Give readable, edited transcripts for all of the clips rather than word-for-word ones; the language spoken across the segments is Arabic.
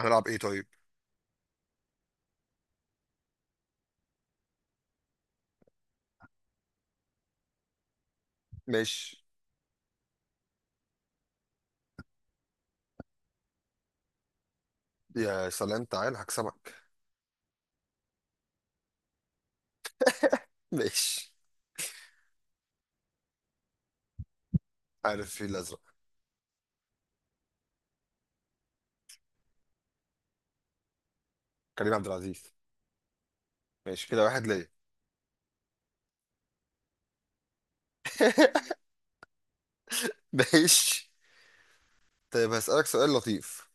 هنلعب ايه طيب؟ ماشي. يا سلام، تعال هكسبك. ماشي. عارف في الازرق. كريم عبد العزيز. ماشي كده واحد ليا. ماشي. طيب هسألك سؤال لطيف.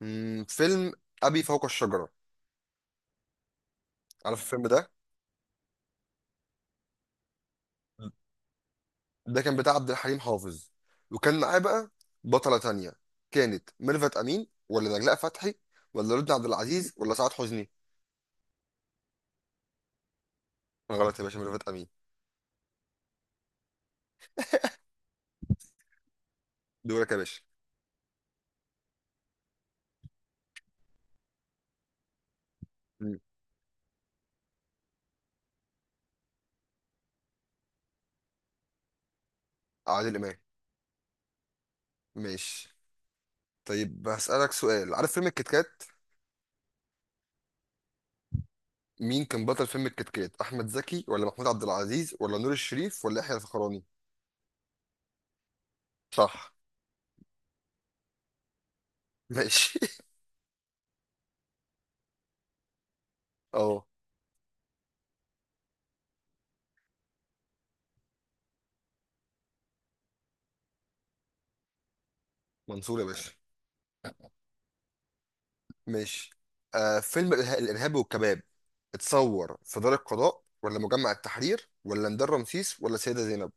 فيلم أبي فوق الشجرة. عارف الفيلم ده؟ ده كان بتاع عبد الحليم حافظ، وكان معاه بقى بطلة تانية. كانت ميرفت أمين ولا نجلاء فتحي ولا رد عبد العزيز ولا سعاد حسني؟ غلط يا باشا، ميرفت أمين. دورك يا باشا. مم. عادل إمام. ماشي. طيب هسألك سؤال. عارف فيلم الكيت كات؟ مين كان بطل فيلم الكيت كات؟ احمد زكي ولا محمود عبد العزيز ولا نور الشريف ولا يحيى الفخراني؟ صح. ماشي. اه. منصور يا باشا. ماشي. فيلم الارهاب والكباب. اتصور في دار القضاء ولا مجمع التحرير ولا ميدان رمسيس ولا سيدة زينب؟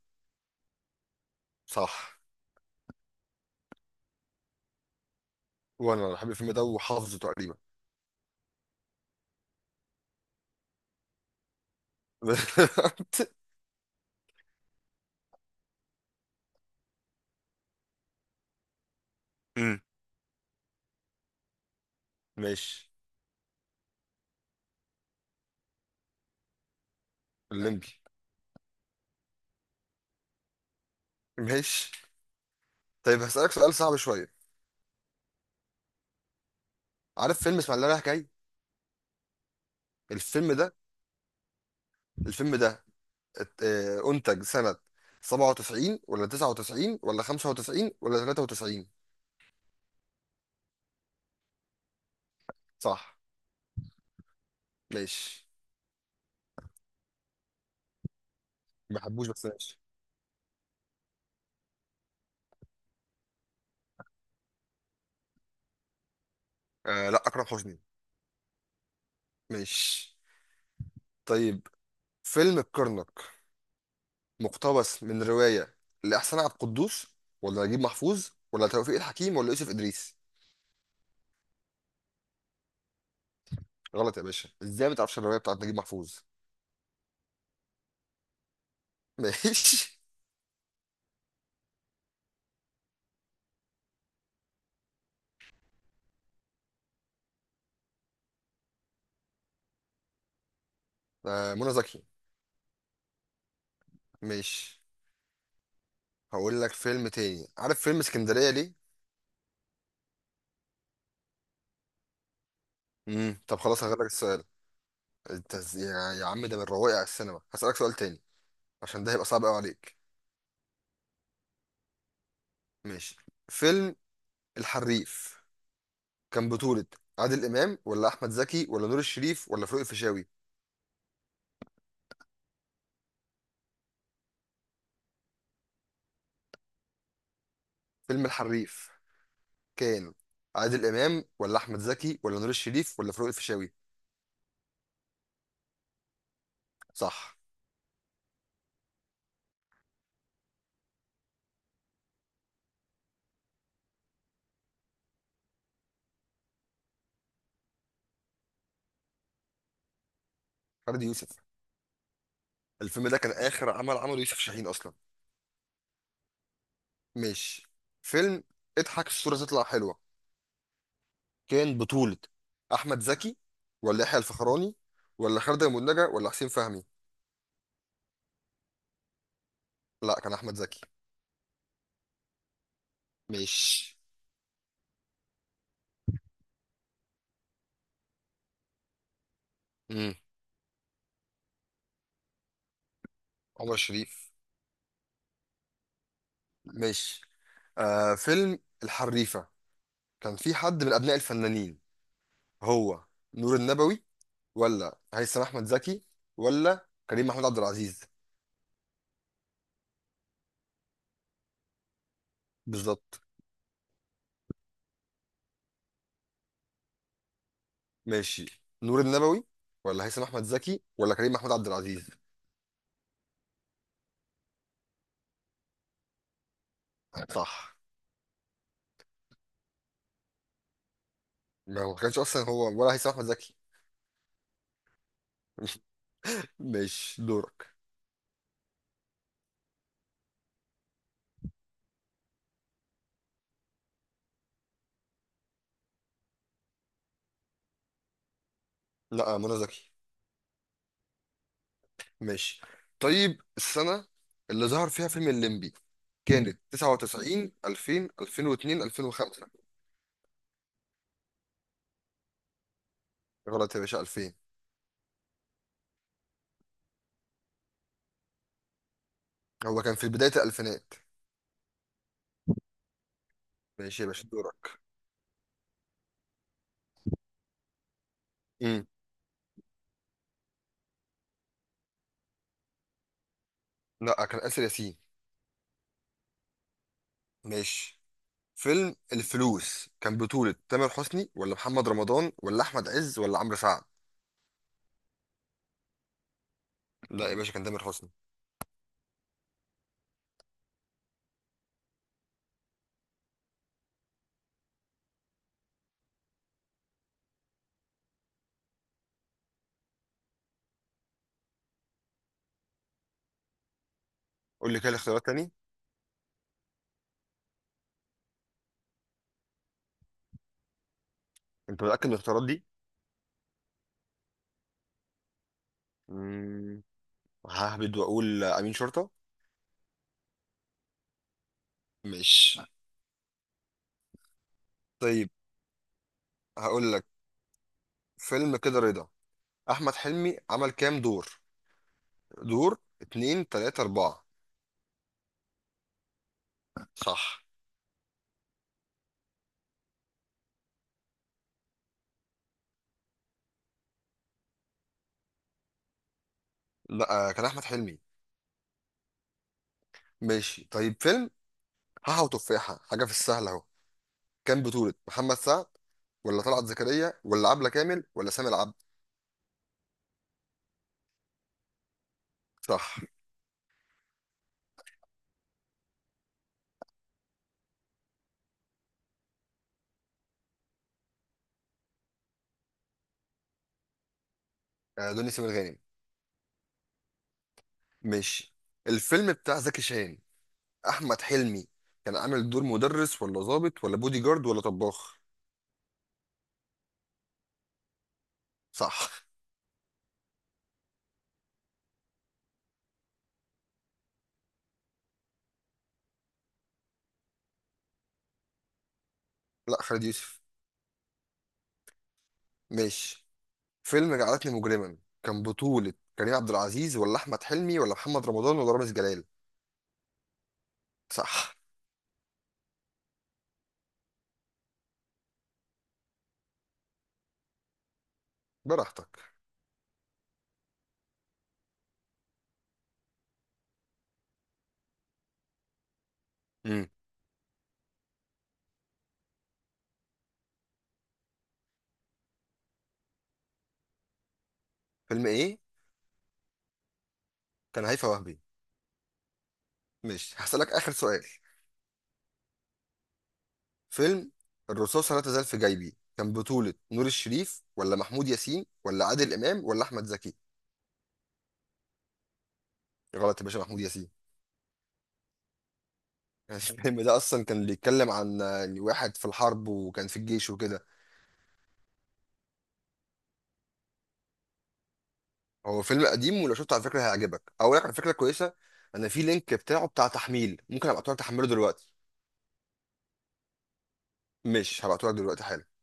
صح. وانا بحب الفيلم ده وحافظه تقريبا. أمم. ماشي. الليمبي. ماشي. طيب هسألك سؤال صعب شوية. عارف فيلم اسماعيلية رايح جاي؟ الفيلم ده الفيلم ده أنتج سنة 97 ولا 99 ولا 95 ولا 93؟ صح. ماشي. ما بحبوش، بس ماشي. لا، أكرم حسني. ماشي. طيب فيلم الكرنك مقتبس من رواية لإحسان عبد القدوس ولا نجيب محفوظ ولا توفيق الحكيم ولا يوسف إدريس؟ غلط يا باشا، إزاي ما تعرفش الرواية بتاعت نجيب محفوظ. ماشي. منى زكي. ماشي. هقول لك فيلم تاني. عارف فيلم اسكندرية ليه؟ مم. طب خلاص هغير لك السؤال. انت يا عم، ده من رواقي على السينما. هسألك سؤال تاني عشان ده هيبقى صعب قوي عليك. ماشي. فيلم الحريف كان بطولة عادل إمام ولا أحمد زكي ولا نور الشريف ولا فاروق الفيشاوي؟ فيلم الحريف كان عادل إمام ولا أحمد زكي ولا نور الشريف ولا فاروق الفيشاوي؟ صح. فردي يوسف. الفيلم ده كان آخر عمل عمله يوسف شاهين أصلا. ماشي. فيلم اضحك الصورة تطلع حلوة كان بطولة أحمد زكي ولا يحيى الفخراني ولا خالد أبو النجا ولا حسين فهمي؟ لا، كان أحمد زكي. ماشي. امم. عمر شريف. ماشي. فيلم الحريفة كان في حد من أبناء الفنانين، هو نور النبوي ولا هيثم أحمد زكي ولا كريم محمود عبد العزيز؟ بالظبط. ماشي، نور النبوي ولا هيثم أحمد زكي ولا كريم محمود عبد العزيز؟ صح. ما هو ما كانش أصلا هو ولا هيثم أحمد زكي. ماشي دورك. لا، منى زكي. ماشي. طيب السنة اللي ظهر فيها فيلم الليمبي كانت 99 2000 2002 2005؟ غلط يا باشا، 2000. هو كان في بداية الألفينات. ماشي يا باشا دورك. امم. لا، كان آسر ياسين. ماشي. فيلم الفلوس كان بطولة تامر حسني ولا محمد رمضان ولا أحمد عز ولا عمرو سعد؟ لا يا باشا، كان تامر حسني. قول لي كده الاختيارات تاني. أنت متأكد من الاختيارات دي؟ امم. ههبد وأقول أمين شرطة. ماشي. طيب هقول لك فيلم كده رضا. احمد حلمي عمل كام دور؟ دور، اتنين، تلاتة، اربعة؟ صح. لا، كان احمد حلمي. ماشي. طيب فيلم حاحة وتفاحة حاجة في السهل اهو كان بطولة محمد سعد ولا طلعت زكريا ولا عبلة كامل ولا سامي العبد؟ صح. دنيا سمير غانم. ماشي. الفيلم بتاع زكي شان، احمد حلمي كان عامل دور مدرس ولا ضابط ولا بودي جارد ولا طباخ؟ صح. لا، خالد يوسف. ماشي. فيلم جعلتني مجرما كان بطولة كريم عبد العزيز ولا أحمد حلمي ولا محمد رمضان ولا رامز جلال؟ صح. براحتك. امم. فيلم إيه؟ كان هيفاء وهبي. ماشي، هسألك آخر سؤال. فيلم الرصاصة لا تزال في جيبي كان بطولة نور الشريف ولا محمود ياسين ولا عادل إمام ولا أحمد زكي؟ غلط يا باشا، محمود ياسين. الفيلم ده أصلا كان بيتكلم عن واحد في الحرب وكان في الجيش وكده. هو فيلم قديم، ولو شفته على فكرة هيعجبك، أقول لك على فكرة كويسة. أنا في لينك بتاعه بتاع تحميل، ممكن أبعته لك تحمله دلوقتي. مش هبعتهولك دلوقتي حالا.